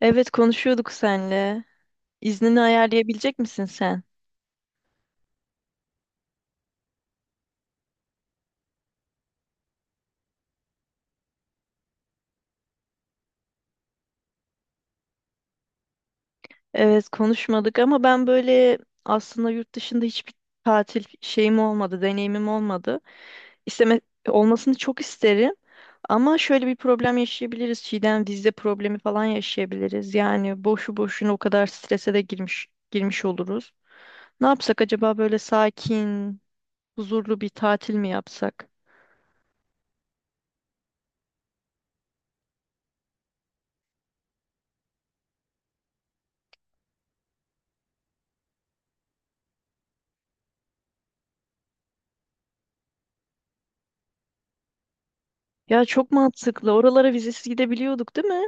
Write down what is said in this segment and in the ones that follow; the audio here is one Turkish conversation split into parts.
Evet konuşuyorduk senle. İznini ayarlayabilecek misin sen? Evet konuşmadık ama ben böyle aslında yurt dışında hiçbir tatil şeyim olmadı, deneyimim olmadı. İsteme Olmasını çok isterim. Ama şöyle bir problem yaşayabiliriz. Çiğdem vize problemi falan yaşayabiliriz. Yani boşu boşuna o kadar strese de girmiş oluruz. Ne yapsak acaba böyle sakin, huzurlu bir tatil mi yapsak? Ya çok mantıklı. Oralara vizesiz gidebiliyorduk, değil mi?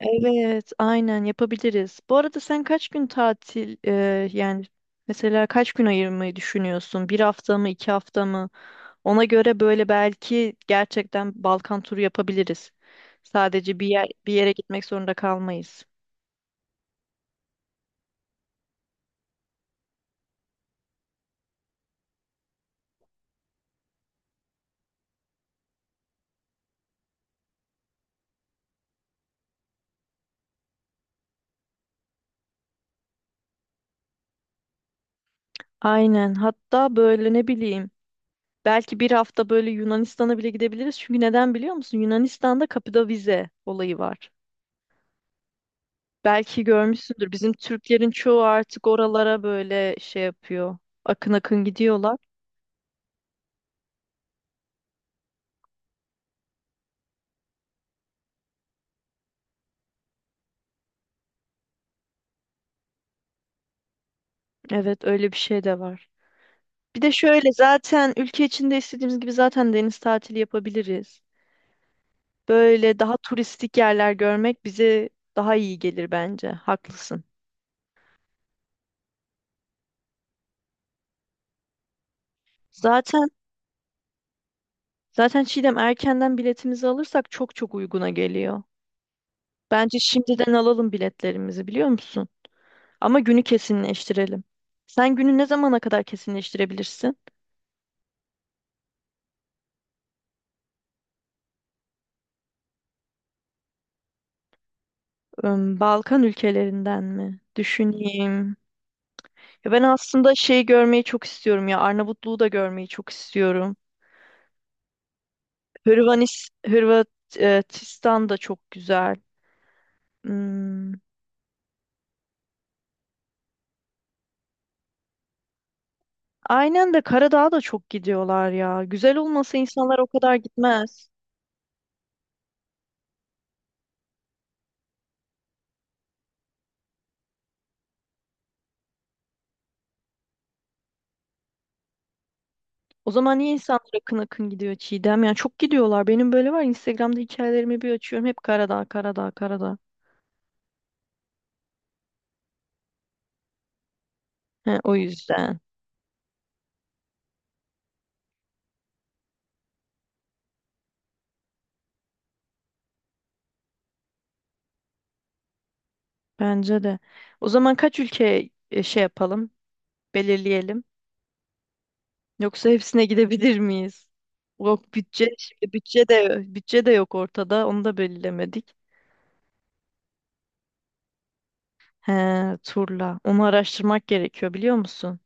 Evet, aynen yapabiliriz. Bu arada sen kaç gün tatil, yani mesela kaç gün ayırmayı düşünüyorsun? Bir hafta mı, 2 hafta mı? Ona göre böyle belki gerçekten Balkan turu yapabiliriz. Sadece bir yere gitmek zorunda kalmayız. Aynen. Hatta böyle ne bileyim belki bir hafta böyle Yunanistan'a bile gidebiliriz. Çünkü neden biliyor musun? Yunanistan'da kapıda vize olayı var. Belki görmüşsündür. Bizim Türklerin çoğu artık oralara böyle şey yapıyor. Akın akın gidiyorlar. Evet, öyle bir şey de var. Bir de şöyle zaten ülke içinde istediğimiz gibi zaten deniz tatili yapabiliriz. Böyle daha turistik yerler görmek bize daha iyi gelir bence. Haklısın. Zaten zaten Çiğdem erkenden biletimizi alırsak çok çok uyguna geliyor. Bence şimdiden alalım biletlerimizi, biliyor musun? Ama günü kesinleştirelim. Sen günü ne zamana kadar kesinleştirebilirsin? Balkan ülkelerinden mi? Düşüneyim. Ya ben aslında şey görmeyi çok istiyorum ya. Arnavutluğu da görmeyi çok istiyorum. Hırvatistan da çok güzel. Hmm, Aynen de Karadağ'a da çok gidiyorlar ya. Güzel olmasa insanlar o kadar gitmez. O zaman niye insanlar akın akın gidiyor Çiğdem? Yani çok gidiyorlar. Benim böyle var. Instagram'da hikayelerimi bir açıyorum. Hep Karadağ, Karadağ, Karadağ. He, o yüzden. Bence de. O zaman kaç ülke şey yapalım? Belirleyelim. Yoksa hepsine gidebilir miyiz? Yok bütçe, şimdi bütçe de yok ortada. Onu da belirlemedik. He, turla. Onu araştırmak gerekiyor, biliyor musun?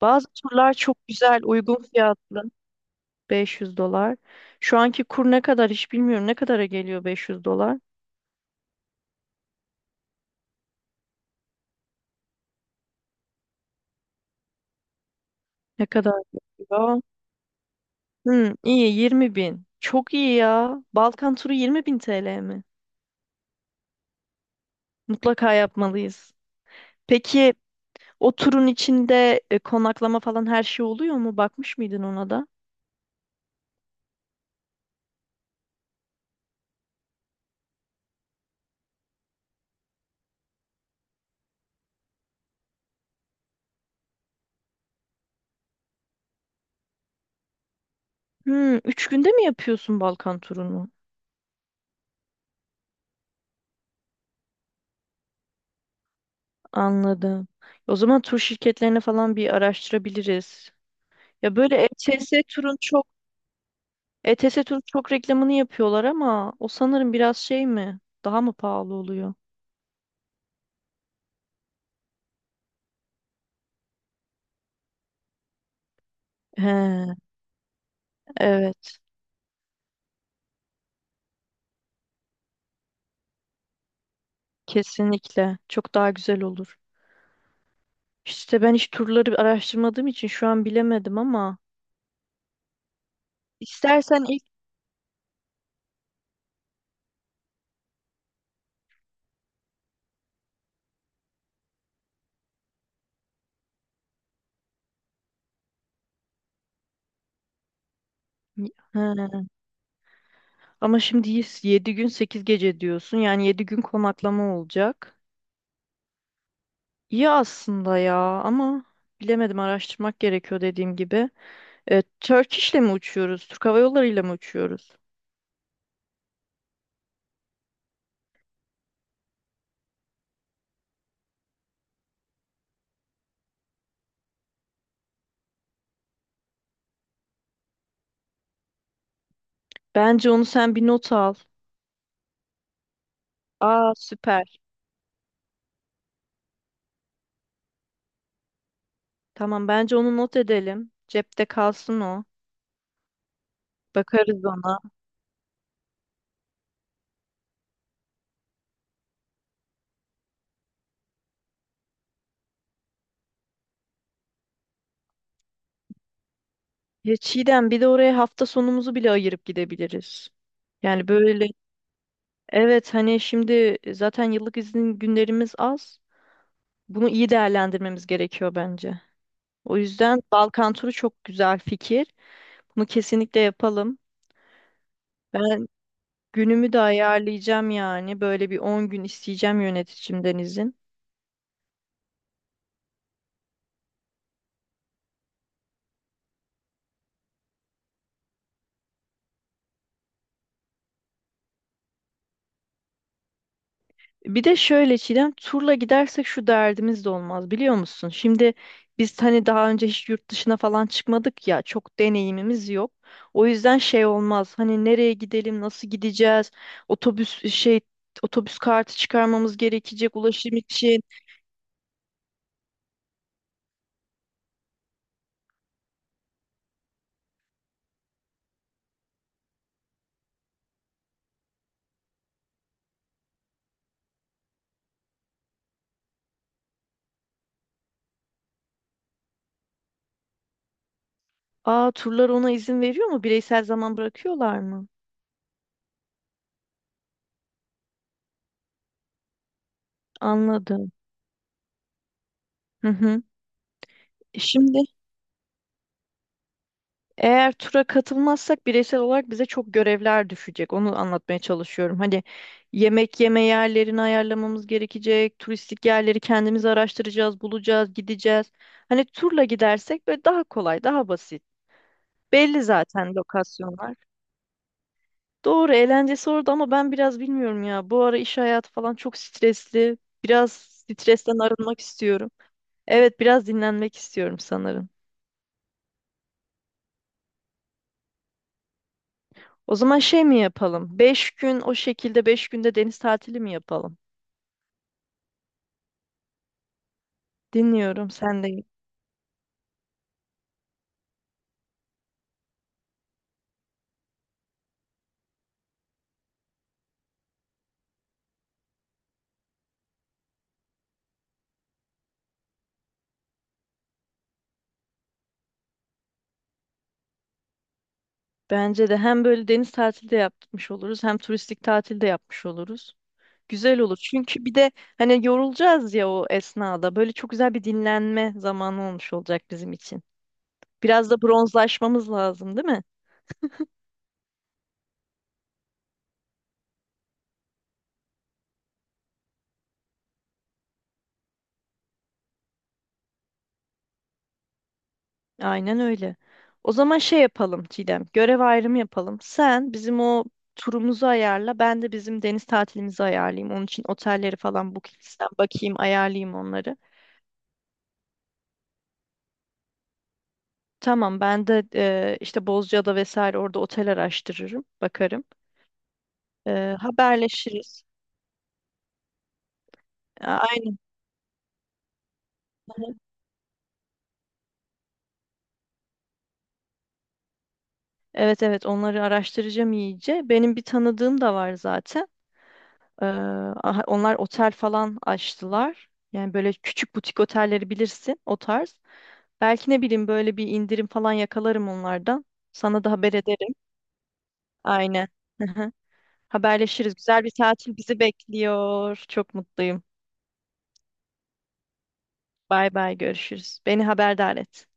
Bazı turlar çok güzel, uygun fiyatlı. 500 dolar. Şu anki kur ne kadar hiç bilmiyorum. Ne kadara geliyor 500 dolar? Ne kadar geliyor? İyi 20 bin. Çok iyi ya. Balkan turu 20 bin TL mi? Mutlaka yapmalıyız. Peki, o turun içinde konaklama falan her şey oluyor mu? Bakmış mıydın ona da? 3 günde mi yapıyorsun Balkan turunu? Anladım. O zaman tur şirketlerini falan bir araştırabiliriz. Ya böyle ETS turun çok ETS turun çok reklamını yapıyorlar ama o sanırım biraz şey mi? Daha mı pahalı oluyor? He, evet, kesinlikle. Çok daha güzel olur. İşte ben hiç turları araştırmadığım için şu an bilemedim ama istersen ilk. He. Ama şimdi 7 gün 8 gece diyorsun. Yani 7 gün konaklama olacak. İyi aslında ya ama bilemedim, araştırmak gerekiyor dediğim gibi. Turkish'le mi uçuyoruz? Türk Hava Yolları ile mi uçuyoruz? Bence onu sen bir not al. Aa, süper. Tamam, bence onu not edelim. Cepte kalsın o. Bakarız ona. Ya Çiğdem, bir de oraya hafta sonumuzu bile ayırıp gidebiliriz. Yani böyle evet, hani şimdi zaten yıllık izin günlerimiz az. Bunu iyi değerlendirmemiz gerekiyor bence. O yüzden Balkan turu çok güzel fikir. Bunu kesinlikle yapalım. Ben günümü de ayarlayacağım yani. Böyle bir 10 gün isteyeceğim yöneticimden izin. Bir de şöyle Çiğdem, turla gidersek şu derdimiz de olmaz, biliyor musun? Şimdi biz hani daha önce hiç yurt dışına falan çıkmadık ya, çok deneyimimiz yok. O yüzden şey olmaz. Hani nereye gidelim, nasıl gideceğiz? Otobüs şey Otobüs kartı çıkarmamız gerekecek, ulaşım için. Aa, turlar ona izin veriyor mu? Bireysel zaman bırakıyorlar mı? Anladım. Hı hı. Şimdi eğer tura katılmazsak bireysel olarak bize çok görevler düşecek. Onu anlatmaya çalışıyorum. Hani yemek yeme yerlerini ayarlamamız gerekecek. Turistik yerleri kendimiz araştıracağız, bulacağız, gideceğiz. Hani turla gidersek böyle daha kolay, daha basit. Belli zaten lokasyonlar. Doğru, eğlencesi orada ama ben biraz bilmiyorum ya. Bu ara iş hayatı falan çok stresli. Biraz stresten arınmak istiyorum. Evet, biraz dinlenmek istiyorum sanırım. O zaman şey mi yapalım? 5 günde deniz tatili mi yapalım? Dinliyorum sen de. Bence de hem böyle deniz tatili de yapmış oluruz hem turistik tatil de yapmış oluruz. Güzel olur. Çünkü bir de hani yorulacağız ya o esnada. Böyle çok güzel bir dinlenme zamanı olmuş olacak bizim için. Biraz da bronzlaşmamız lazım, değil mi? Aynen öyle. O zaman şey yapalım Çiğdem, görev ayrımı yapalım. Sen bizim o turumuzu ayarla, ben de bizim deniz tatilimizi ayarlayayım. Onun için otelleri falan Booking'den bakayım, ayarlayayım onları. Tamam, ben de işte Bozcaada vesaire orada otel araştırırım, bakarım. Haberleşiriz. Aynen. Evet, evet, onları araştıracağım iyice. Benim bir tanıdığım da var zaten. Aha, onlar otel falan açtılar. Yani böyle küçük butik otelleri bilirsin, o tarz. Belki ne bileyim böyle bir indirim falan yakalarım onlardan. Sana da haber ederim. Aynen. Hı hı. Haberleşiriz. Güzel bir tatil bizi bekliyor. Çok mutluyum. Bay bay, görüşürüz. Beni haberdar et.